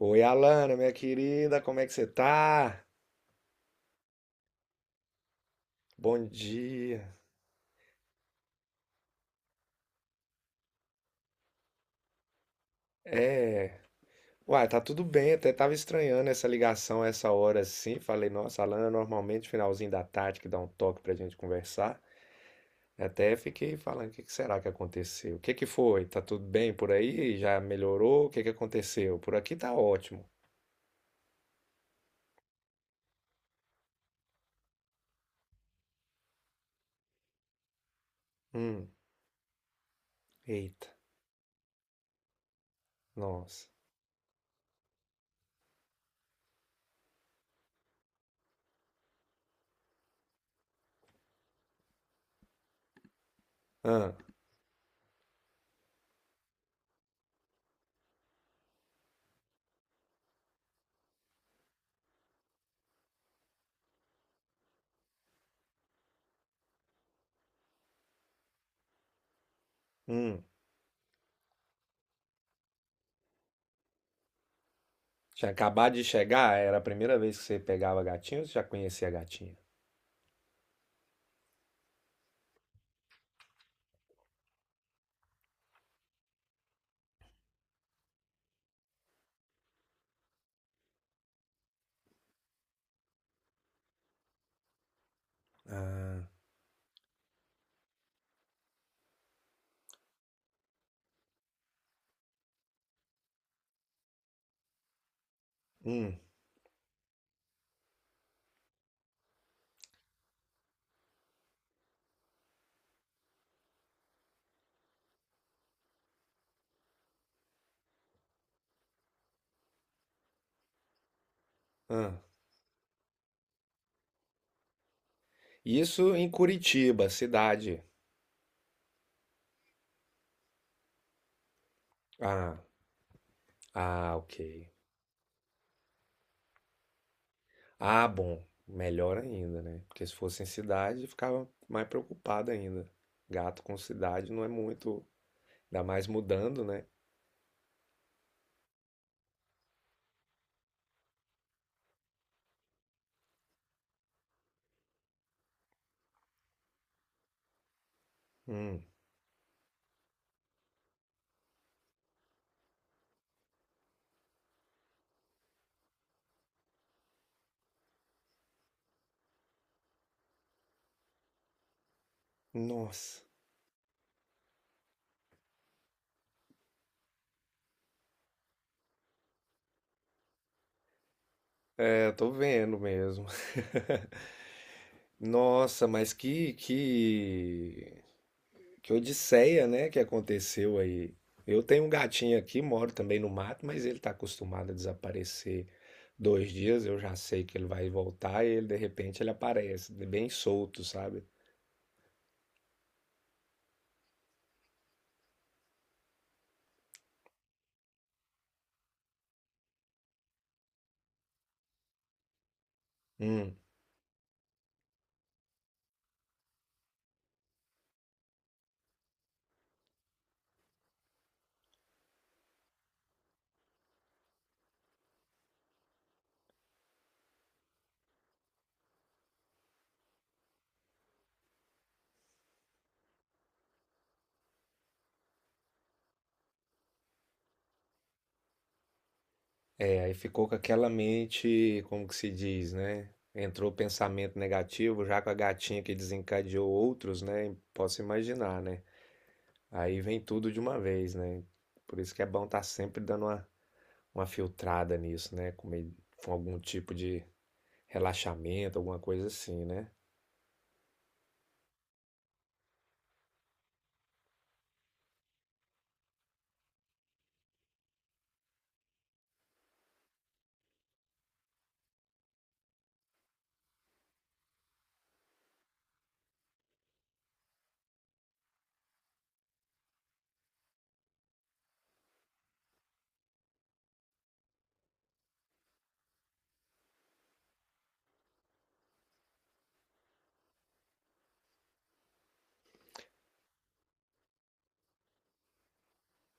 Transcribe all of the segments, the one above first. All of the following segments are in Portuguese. Oi, Alana, minha querida, como é que você tá? Bom dia. É, uai, tá tudo bem, até tava estranhando essa ligação essa hora assim. Falei, nossa, Alana, normalmente finalzinho da tarde que dá um toque pra gente conversar. Até fiquei falando, o que que será que aconteceu? O que que foi? Tá tudo bem por aí? Já melhorou? O que que aconteceu? Por aqui tá ótimo. Hum, eita, nossa. Ah, hum. Tinha acabado de chegar, era a primeira vez que você pegava a gatinha ou você já conhecia a gatinha? Hum, hã. Isso em Curitiba, cidade. Ah, ah, ok. Ah, bom, melhor ainda, né? Porque se fosse em cidade, ficava mais preocupado ainda. Gato com cidade não é muito, ainda mais mudando, né? Hum, nossa. É, tô vendo mesmo. Nossa, mas que odisseia, né, que aconteceu aí. Eu tenho um gatinho aqui, moro também no mato, mas ele está acostumado a desaparecer 2 dias. Eu já sei que ele vai voltar e ele, de repente ele aparece, bem solto, sabe? Hum, é, aí ficou com aquela mente, como que se diz, né? Entrou pensamento negativo, já com a gatinha que desencadeou outros, né? Posso imaginar, né? Aí vem tudo de uma vez, né? Por isso que é bom estar sempre dando uma filtrada nisso, né? Com algum tipo de relaxamento, alguma coisa assim, né?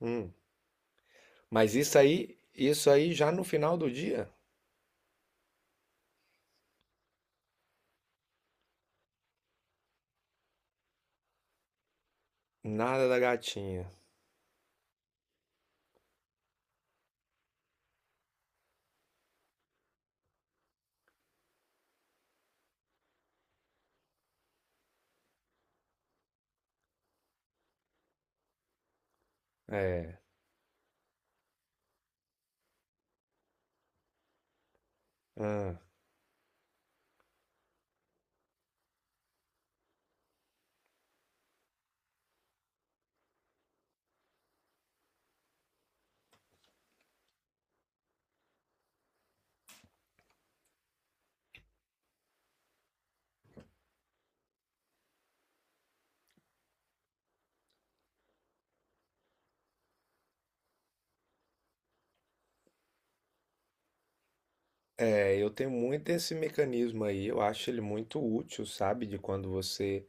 Hum. Mas isso aí já no final do dia, nada da gatinha. É. Ah. É, eu tenho muito esse mecanismo aí, eu acho ele muito útil, sabe? De quando você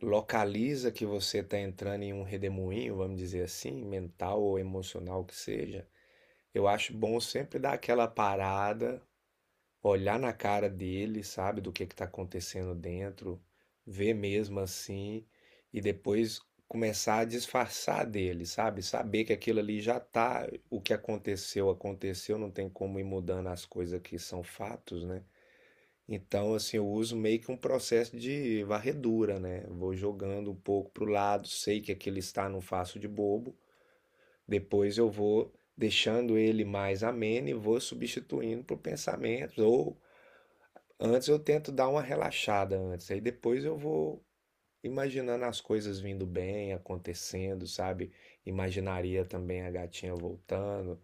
localiza que você está entrando em um redemoinho, vamos dizer assim, mental ou emocional que seja. Eu acho bom sempre dar aquela parada, olhar na cara dele, sabe, do que tá acontecendo dentro, ver mesmo assim, e depois começar a disfarçar dele, sabe? Saber que aquilo ali já tá, o que aconteceu, aconteceu, não tem como ir mudando as coisas que são fatos, né? Então, assim, eu uso meio que um processo de varredura, né? Vou jogando um pouco pro lado, sei que aquele está, não faço de bobo. Depois eu vou deixando ele mais ameno e vou substituindo por pensamentos ou antes eu tento dar uma relaxada antes, aí depois eu vou imaginando as coisas vindo bem, acontecendo, sabe? Imaginaria também a gatinha voltando,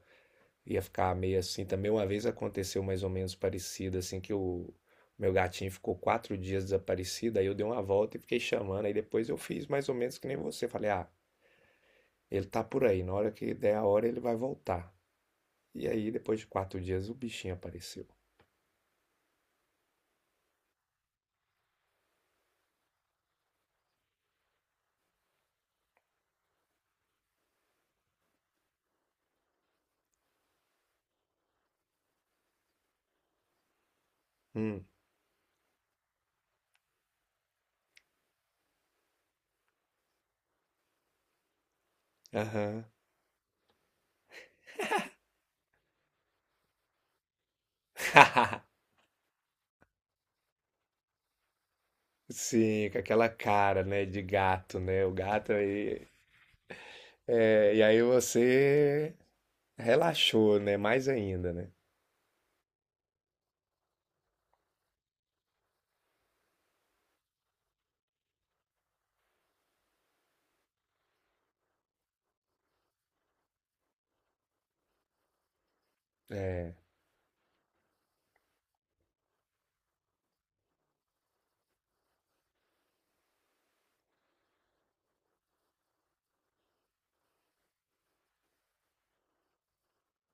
ia ficar meio assim. Também uma vez aconteceu mais ou menos parecido, assim, que o meu gatinho ficou 4 dias desaparecido, aí eu dei uma volta e fiquei chamando, aí depois eu fiz mais ou menos que nem você. Falei, ah, ele tá por aí, na hora que der a hora ele vai voltar. E aí, depois de 4 dias, o bichinho apareceu. Hum, aham. Sim, com aquela cara, né, de gato, né? O gato aí. É, e aí você relaxou, né? Mais ainda, né? É.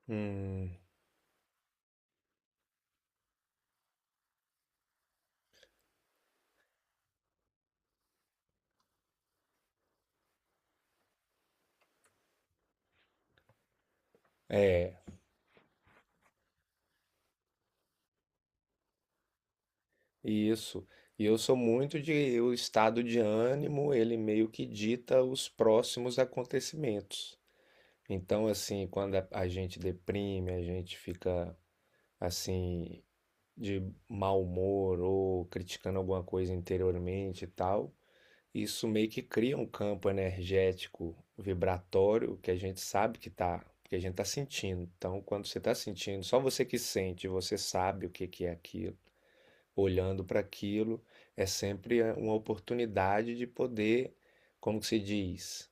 Hum, é, isso. E eu sou muito de. O estado de ânimo, ele meio que dita os próximos acontecimentos. Então, assim, quando a gente deprime, a gente fica, assim, de mau humor ou criticando alguma coisa interiormente e tal. Isso meio que cria um campo energético vibratório que a gente sabe que tá, que a gente tá sentindo. Então, quando você tá sentindo, só você que sente, você sabe o que que é aquilo. Olhando para aquilo, é sempre uma oportunidade de poder, como que se diz?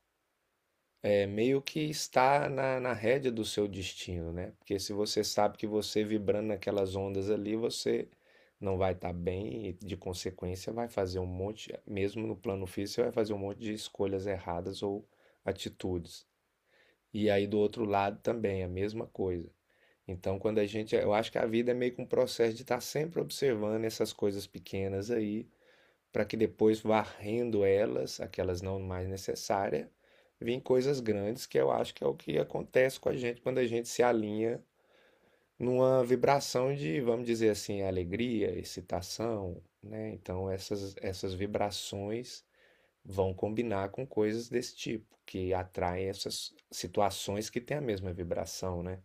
É meio que está na, rédea do seu destino, né? Porque se você sabe que você vibrando naquelas ondas ali, você não vai estar bem e, de consequência, vai fazer um monte, mesmo no plano físico, você vai fazer um monte de escolhas erradas ou atitudes. E aí do outro lado também, a mesma coisa. Então, quando a gente, eu acho que a vida é meio que um processo de estar sempre observando essas coisas pequenas aí para que depois, varrendo elas, aquelas não mais necessárias, vêm coisas grandes, que eu acho que é o que acontece com a gente quando a gente se alinha numa vibração de, vamos dizer assim, alegria, excitação, né? Então essas vibrações vão combinar com coisas desse tipo, que atraem essas situações que têm a mesma vibração, né?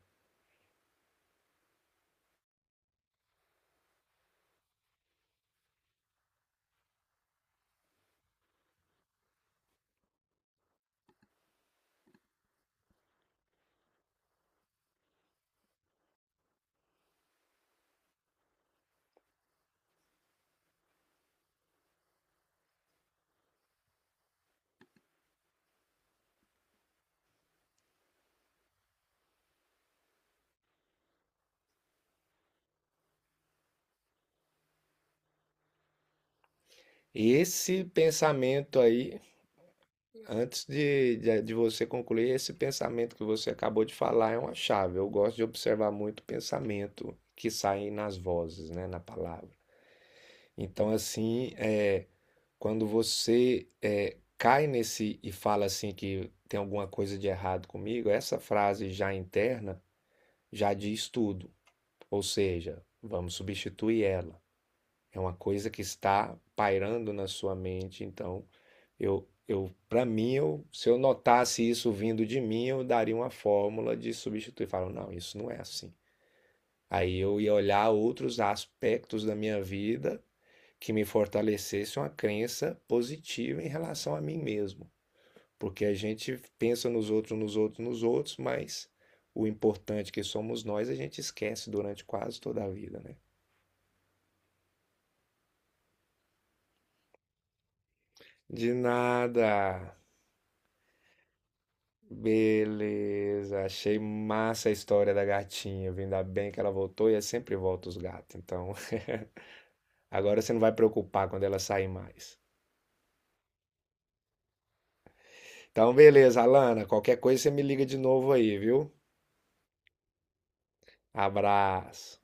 Esse pensamento aí, antes de você concluir, esse pensamento que você acabou de falar é uma chave. Eu gosto de observar muito o pensamento que sai nas vozes, né, na palavra. Então, assim, é, quando você é, cai nesse e fala assim que tem alguma coisa de errado comigo, essa frase já interna já diz tudo. Ou seja, vamos substituir ela. É uma coisa que está pairando na sua mente, então eu para mim, eu, se eu notasse isso vindo de mim, eu daria uma fórmula de substituir, falo, não, isso não é assim. Aí eu ia olhar outros aspectos da minha vida que me fortalecesse uma crença positiva em relação a mim mesmo, porque a gente pensa nos outros, nos outros, nos outros, mas o importante que somos nós, a gente esquece durante quase toda a vida, né? De nada. Beleza, achei massa a história da gatinha. Viu? Ainda bem que ela voltou e é sempre volta os gatos. Então, agora você não vai preocupar quando ela sair mais. Então, beleza, Alana. Qualquer coisa você me liga de novo aí, viu? Abraço.